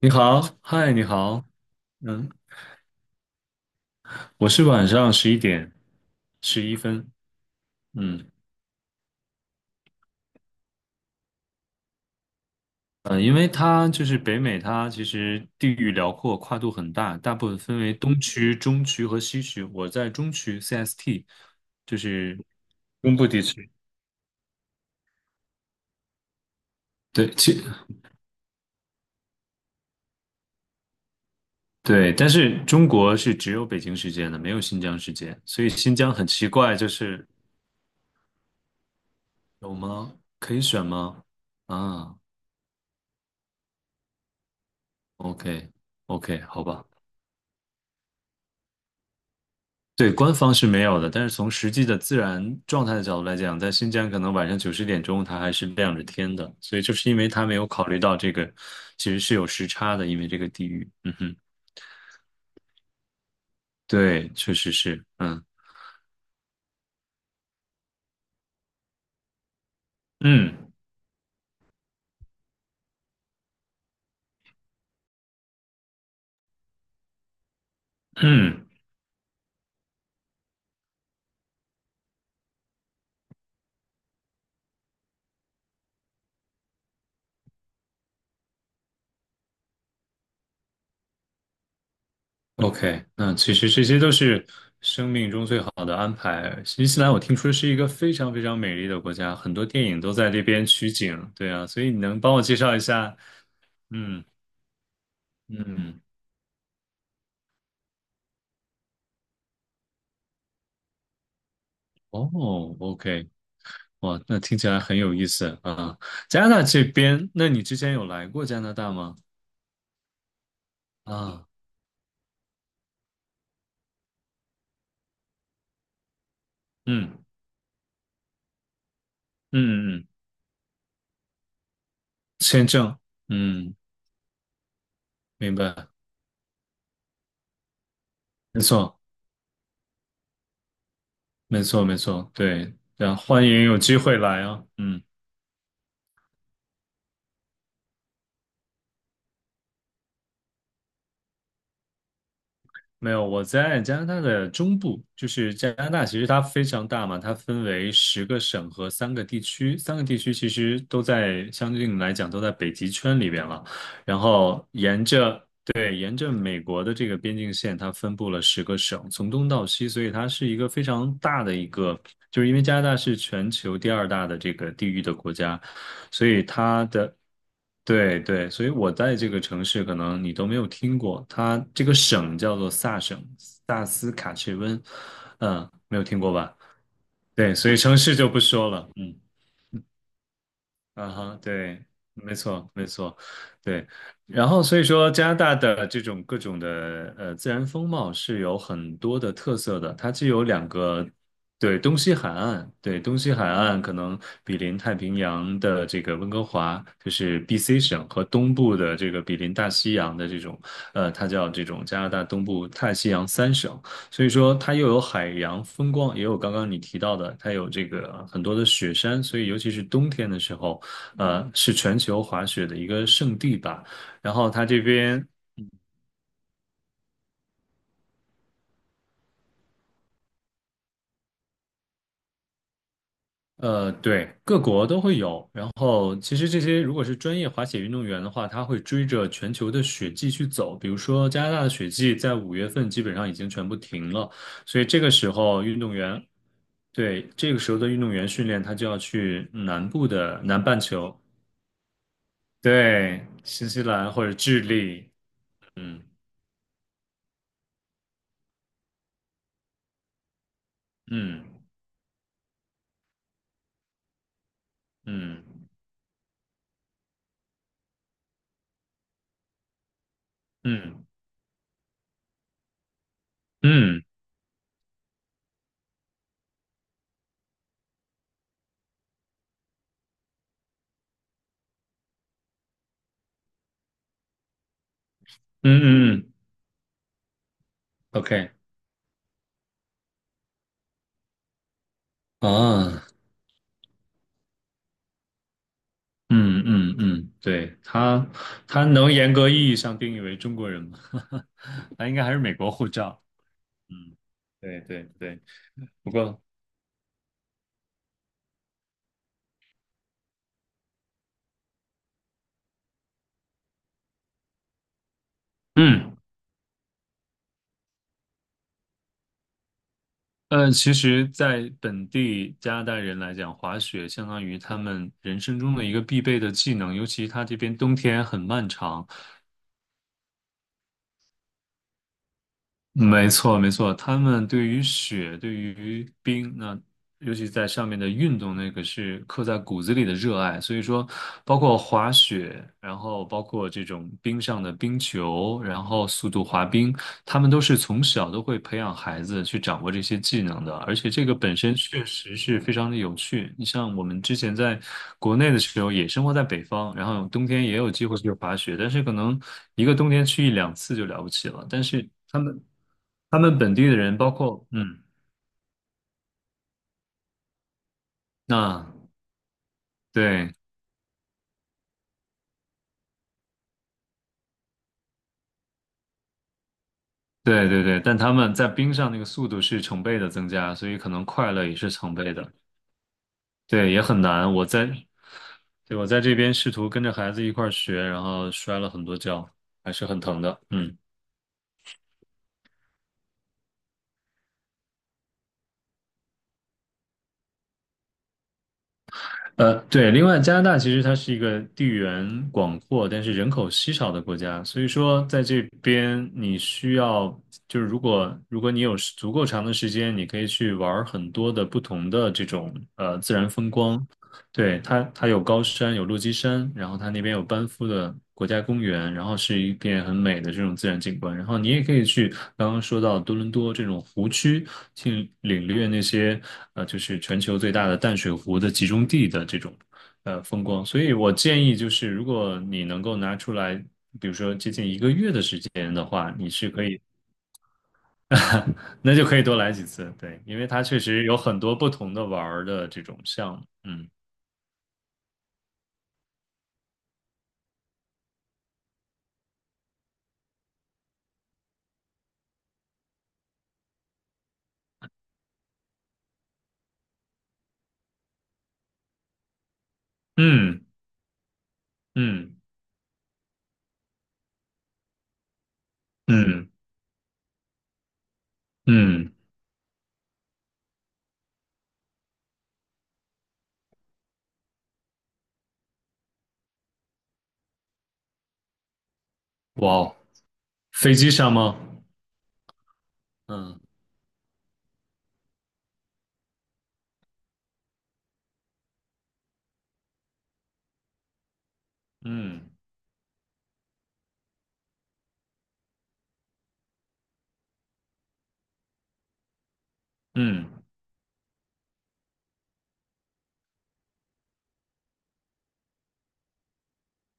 你好，嗨，你好。嗯，我是晚上11点11分。嗯因为它就是北美，它其实地域辽阔，跨度很大，大部分分为东区、中区和西区。我在中区 CST，就是中部地区。对，对，但是中国是只有北京时间的，没有新疆时间，所以新疆很奇怪，有吗？可以选吗？啊，OK， OK，好吧。对，官方是没有的，但是从实际的自然状态的角度来讲，在新疆可能晚上九十点钟它还是亮着天的，所以就是因为它没有考虑到这个，其实是有时差的，因为这个地域。嗯哼。对，确实是。嗯嗯嗯，OK，那其实这些都是生命中最好的安排。新西兰我听说是一个非常非常美丽的国家，很多电影都在这边取景。对啊，所以你能帮我介绍一下？嗯嗯，哦，OK。哇，那听起来很有意思啊！加拿大这边，那你之前有来过加拿大吗？啊，嗯嗯嗯，签证，嗯，明白，没错，没错，没错，对，然后欢迎有机会来啊，嗯。没有，我在加拿大的中部，就是加拿大，其实它非常大嘛，它分为十个省和三个地区，三个地区其实都在相对应来讲都在北极圈里边了。然后沿着对沿着美国的这个边境线，它分布了十个省，从东到西，所以它是一个非常大的一个。就是因为加拿大是全球第二大的这个地域的国家，所以它的对对，所以我在这个城市可能你都没有听过，它这个省叫做萨省。萨斯卡切温，嗯，没有听过吧？对，所以城市就不说了，嗯。啊哈，对，没错，没错，对。然后所以说，加拿大的这种各种的自然风貌是有很多的特色的，它既有两个。对，东西海岸。对，东西海岸可能比邻太平洋的这个温哥华，就是 BC 省和东部的这个比邻大西洋的这种。它叫这种加拿大东部大西洋三省。所以说，它又有海洋风光，也有刚刚你提到的，它有这个很多的雪山，所以尤其是冬天的时候。是全球滑雪的一个圣地吧。然后它这边。对，各国都会有。然后其实这些如果是专业滑雪运动员的话，他会追着全球的雪季去走。比如说加拿大的雪季在五月份基本上已经全部停了，所以这个时候运动员，对，这个时候的运动员训练，他就要去南部的南半球。对，新西兰或者智利。嗯嗯嗯嗯嗯嗯嗯嗯，OK。啊，嗯嗯嗯，对，他严格意义上定义为中国人吗？他应该还是美国护照。嗯，对对对，不过，嗯其实，在本地加拿大人来讲，滑雪相当于他们人生中的一个必备的技能，尤其他这边冬天很漫长。没错，没错，他们对于雪，对于冰，那尤其在上面的运动，那个是刻在骨子里的热爱。所以说，包括滑雪，然后包括这种冰上的冰球，然后速度滑冰，他们都是从小都会培养孩子去掌握这些技能的，而且这个本身确实是非常的有趣。你像我们之前在国内的时候，也生活在北方，然后冬天也有机会去滑雪，但是可能一个冬天去一两次就了不起了。但是他们本地的人，包括嗯，那对对对对，但他们在冰上那个速度是成倍的增加，所以可能快乐也是成倍的。对，也很难。对，我在这边试图跟着孩子一块儿学，然后摔了很多跤，还是很疼的。嗯，对，另外加拿大其实它是一个地缘广阔，但是人口稀少的国家，所以说在这边你需要，就是如果你有足够长的时间，你可以去玩儿很多的不同的这种自然风光。对，它有高山，有落基山，然后它那边有班夫的国家公园，然后是一片很美的这种自然景观。然后你也可以去刚刚说到多伦多这种湖区，去领略那些就是全球最大的淡水湖的集中地的这种风光。所以我建议就是，如果你能够拿出来，比如说接近一个月的时间的话，你是可以。那就可以多来几次。对，因为它确实有很多不同的玩儿的这种项目。嗯。嗯嗯。嗯嗯，哇哦，飞机上吗？嗯嗯嗯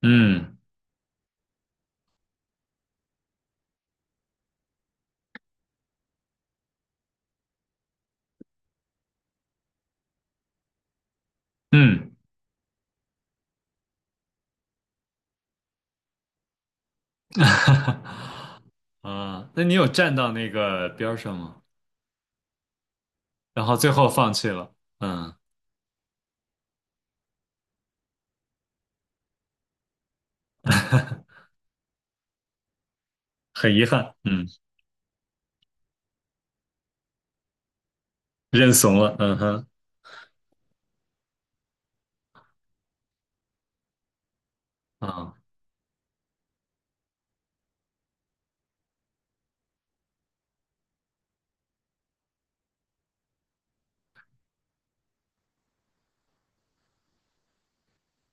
嗯嗯，啊，那你有站到那个边儿上吗？然后最后放弃了，嗯，很遗憾，嗯，认怂了，嗯哼，啊，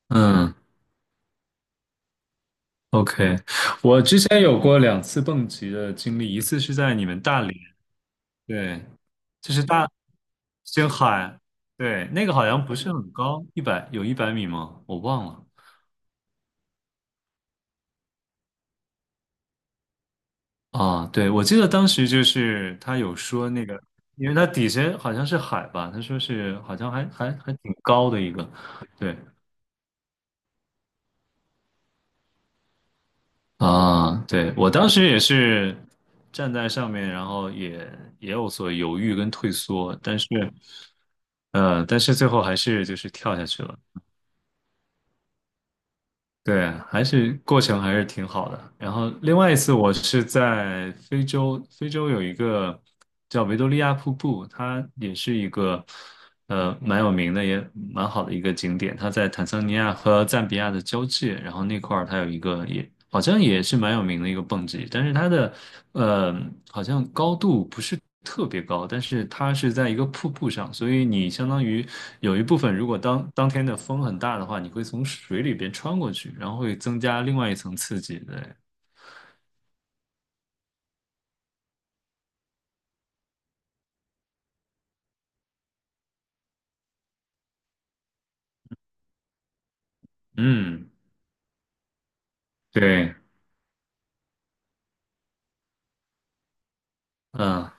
嗯，OK，我之前有过两次蹦极的经历，一次是在你们大连。对，就是大星海。对，那个好像不是很高，100有100米吗？我忘了。啊，对，我记得当时就是他有说那个，因为它底下好像是海吧，他说是好像还挺高的一个。对啊，对，我当时也是站在上面，然后也有所犹豫跟退缩，但是最后还是就是跳下去了。对，还是过程还是挺好的。然后另外一次我是在非洲，非洲有一个叫维多利亚瀑布，它也是一个蛮有名的，也蛮好的一个景点。它在坦桑尼亚和赞比亚的交界，然后那块儿它有一个也好像也是蛮有名的一个蹦极，但是它的呃，好像高度不是特别高，但是它是在一个瀑布上，所以你相当于有一部分，如果当天的风很大的话，你会从水里边穿过去，然后会增加另外一层刺激。对，嗯，对，嗯，啊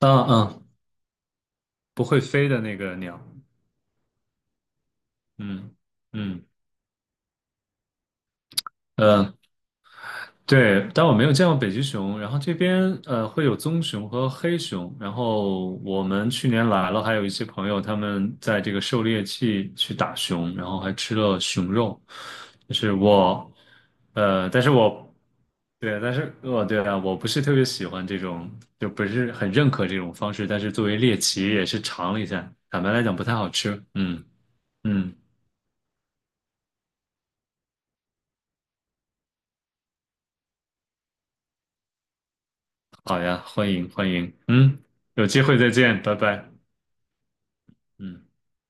嗯，不会飞的那个鸟，嗯嗯。呃。对，但我没有见过北极熊。然后这边会有棕熊和黑熊。然后我们去年来了，还有一些朋友他们在这个狩猎季去打熊，然后还吃了熊肉。就是我，但是我对，但是我对啊，我不是特别喜欢这种，就不是很认可这种方式。但是作为猎奇也是尝了一下，坦白来讲不太好吃。嗯嗯，好呀，欢迎欢迎，嗯，有机会再见，拜拜。嗯。